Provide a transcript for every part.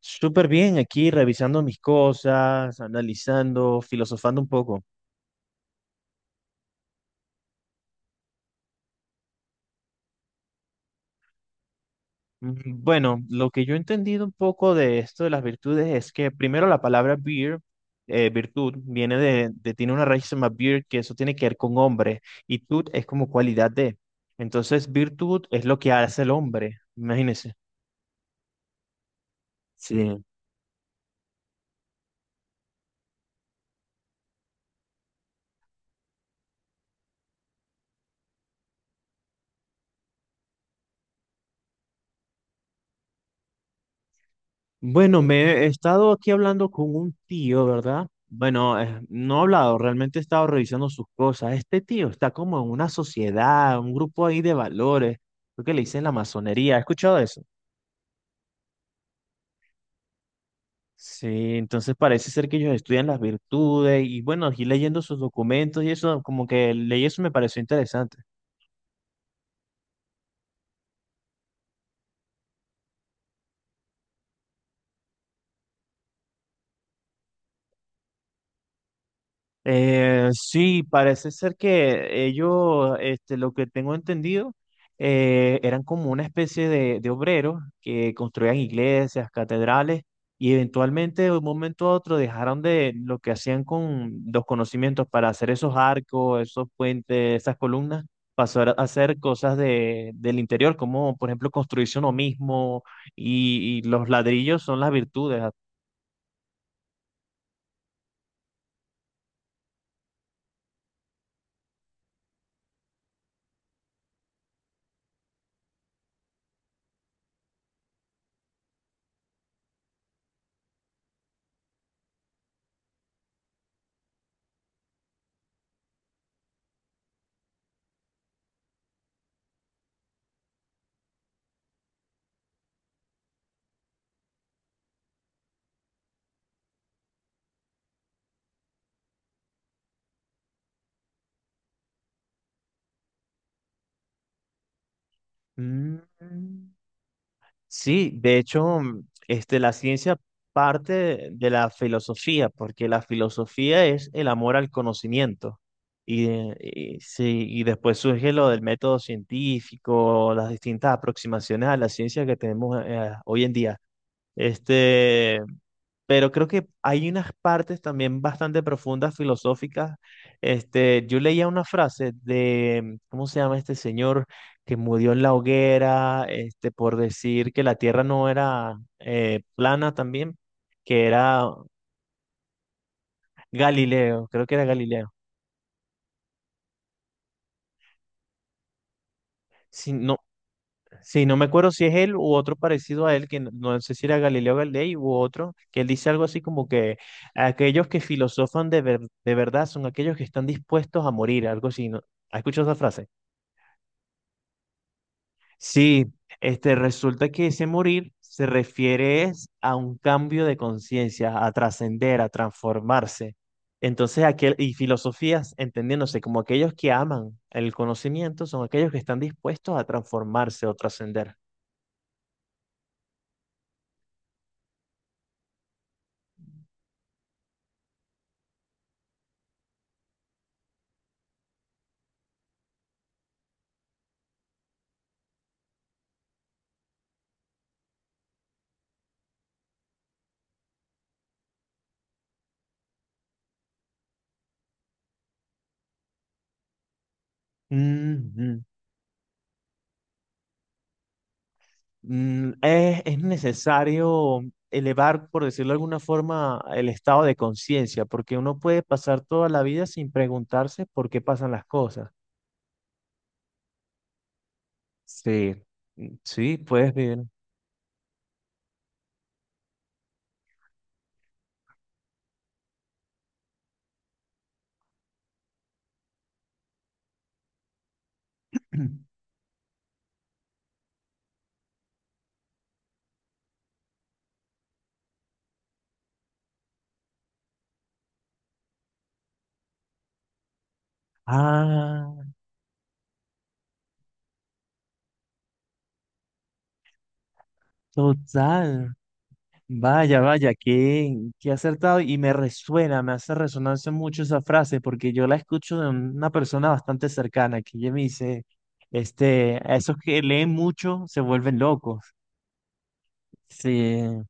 Súper bien, aquí revisando mis cosas, analizando, filosofando un poco. Mm, bueno, lo que yo he entendido un poco de esto de las virtudes es que primero la palabra beer, virtud, viene tiene una raíz que se llama beer, que eso tiene que ver con hombre, y tut es como cualidad de. Entonces, virtud es lo que hace el hombre, imagínense. Bueno, me he estado aquí hablando con un tío, ¿verdad? Bueno, no he hablado, realmente he estado revisando sus cosas. Este tío está como en una sociedad, un grupo ahí de valores, creo que le dicen la masonería, ¿has escuchado eso? Sí, entonces parece ser que ellos estudian las virtudes y bueno, y leyendo sus documentos y eso, como que leí eso y me pareció interesante. Sí, parece ser que ellos, este, lo que tengo entendido, eran como una especie de obreros que construían iglesias, catedrales, y eventualmente de un momento a otro dejaron de lo que hacían con los conocimientos para hacer esos arcos, esos puentes, esas columnas, pasó a hacer cosas de, del interior, como por ejemplo construirse uno mismo, y los ladrillos son las virtudes. Mm. Sí, de hecho, este, la ciencia parte de la filosofía, porque la filosofía es el amor al conocimiento. Y sí, y después surge lo del método científico, las distintas aproximaciones a la ciencia que tenemos hoy en día. Este, pero creo que hay unas partes también bastante profundas, filosóficas. Este, yo leía una frase de, ¿cómo se llama este señor que murió en la hoguera, este, por decir que la Tierra no era plana también, que era Galileo, creo que era Galileo. Si no, sí, no me acuerdo si es él u otro parecido a él, que no, no sé si era Galileo Galilei u otro, que él dice algo así como que aquellos que filosofan de verdad son aquellos que están dispuestos a morir, algo así, ¿no? ¿Has escuchado esa frase? Sí, este, resulta que ese morir se refiere es a un cambio de conciencia, a trascender, a transformarse. Entonces, aquel, y filosofías, entendiéndose como aquellos que aman el conocimiento, son aquellos que están dispuestos a transformarse o trascender. Ujú. Mm, es necesario elevar, por decirlo de alguna forma, el estado de conciencia, porque uno puede pasar toda la vida sin preguntarse por qué pasan las cosas. Sí, sí, puedes ver. Ah, total. Vaya, vaya, qué acertado. Y me resuena, me hace resonancia mucho esa frase, porque yo la escucho de una persona bastante cercana, que ella me dice, este, a esos que leen mucho se vuelven locos. Sí,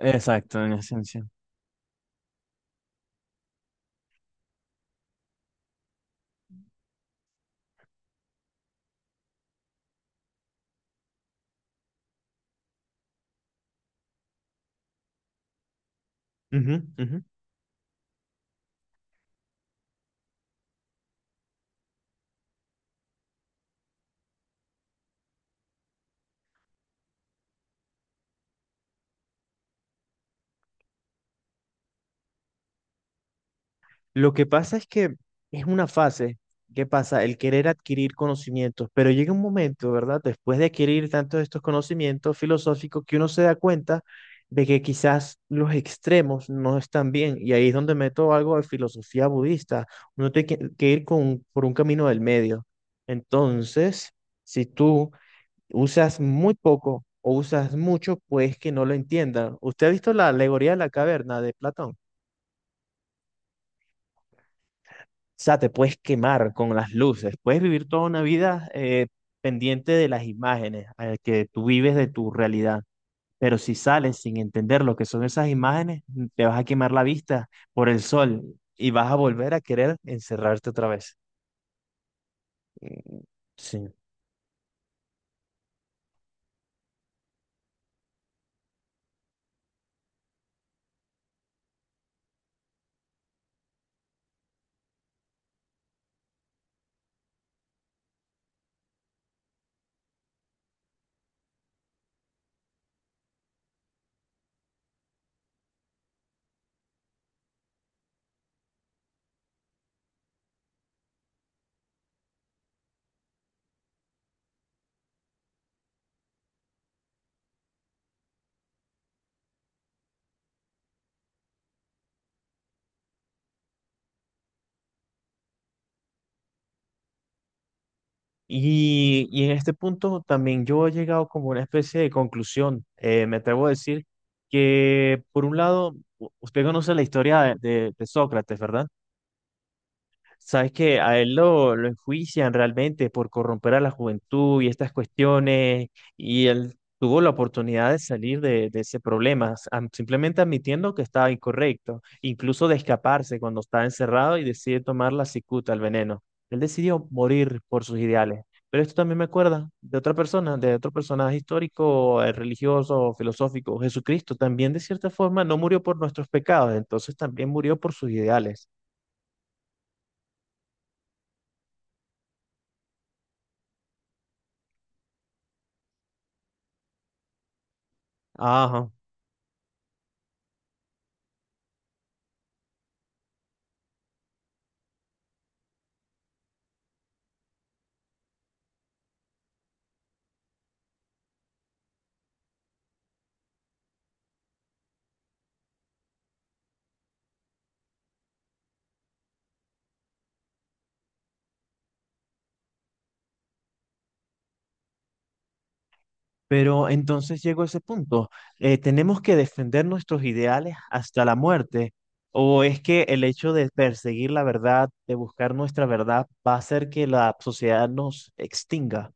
exacto, en esencia. Ujú, ujú. Lo que pasa es que es una fase. ¿Qué pasa? El querer adquirir conocimientos, pero llega un momento, ¿verdad? Después de adquirir tantos de estos conocimientos filosóficos que uno se da cuenta de que quizás los extremos no están bien. Y ahí es donde meto algo de filosofía budista. Uno tiene que ir con, por un camino del medio. Entonces, si tú usas muy poco o usas mucho, pues que no lo entiendan. ¿Usted ha visto la alegoría de la caverna de Platón? O sea, te puedes quemar con las luces, puedes vivir toda una vida pendiente de las imágenes que tú vives de tu realidad. Pero si sales sin entender lo que son esas imágenes, te vas a quemar la vista por el sol y vas a volver a querer encerrarte otra vez. Mm, sí. Y en este punto también yo he llegado como a una especie de conclusión. Me atrevo a decir que, por un lado, usted conoce la historia de Sócrates, ¿verdad? Sabes que a él lo enjuician realmente por corromper a la juventud y estas cuestiones, y él tuvo la oportunidad de salir de ese problema, simplemente admitiendo que estaba incorrecto, incluso de escaparse cuando estaba encerrado y decide tomar la cicuta, el veneno. Él decidió morir por sus ideales. Pero esto también me acuerda de otra persona, de otro personaje histórico, religioso, filosófico. Jesucristo también, de cierta forma, no murió por nuestros pecados, entonces también murió por sus ideales. Ajá. Pero entonces llegó ese punto. Eh, ¿tenemos que defender nuestros ideales hasta la muerte? ¿O es que el hecho de perseguir la verdad, de buscar nuestra verdad, va a hacer que la sociedad nos extinga?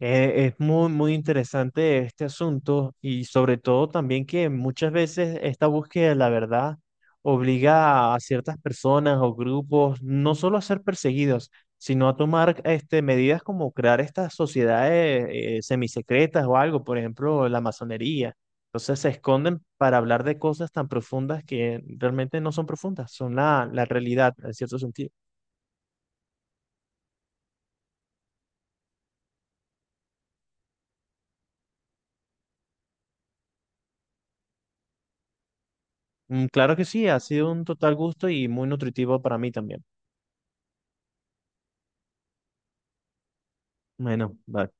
Es muy, muy interesante este asunto y sobre todo también que muchas veces esta búsqueda de la verdad obliga a ciertas personas o grupos no solo a ser perseguidos, sino a tomar este, medidas como crear estas sociedades semisecretas o algo, por ejemplo, la masonería. Entonces se esconden para hablar de cosas tan profundas que realmente no son profundas, son la realidad en cierto sentido. Mm, claro que sí, ha sido un total gusto y muy nutritivo para mí también. Bueno, vale.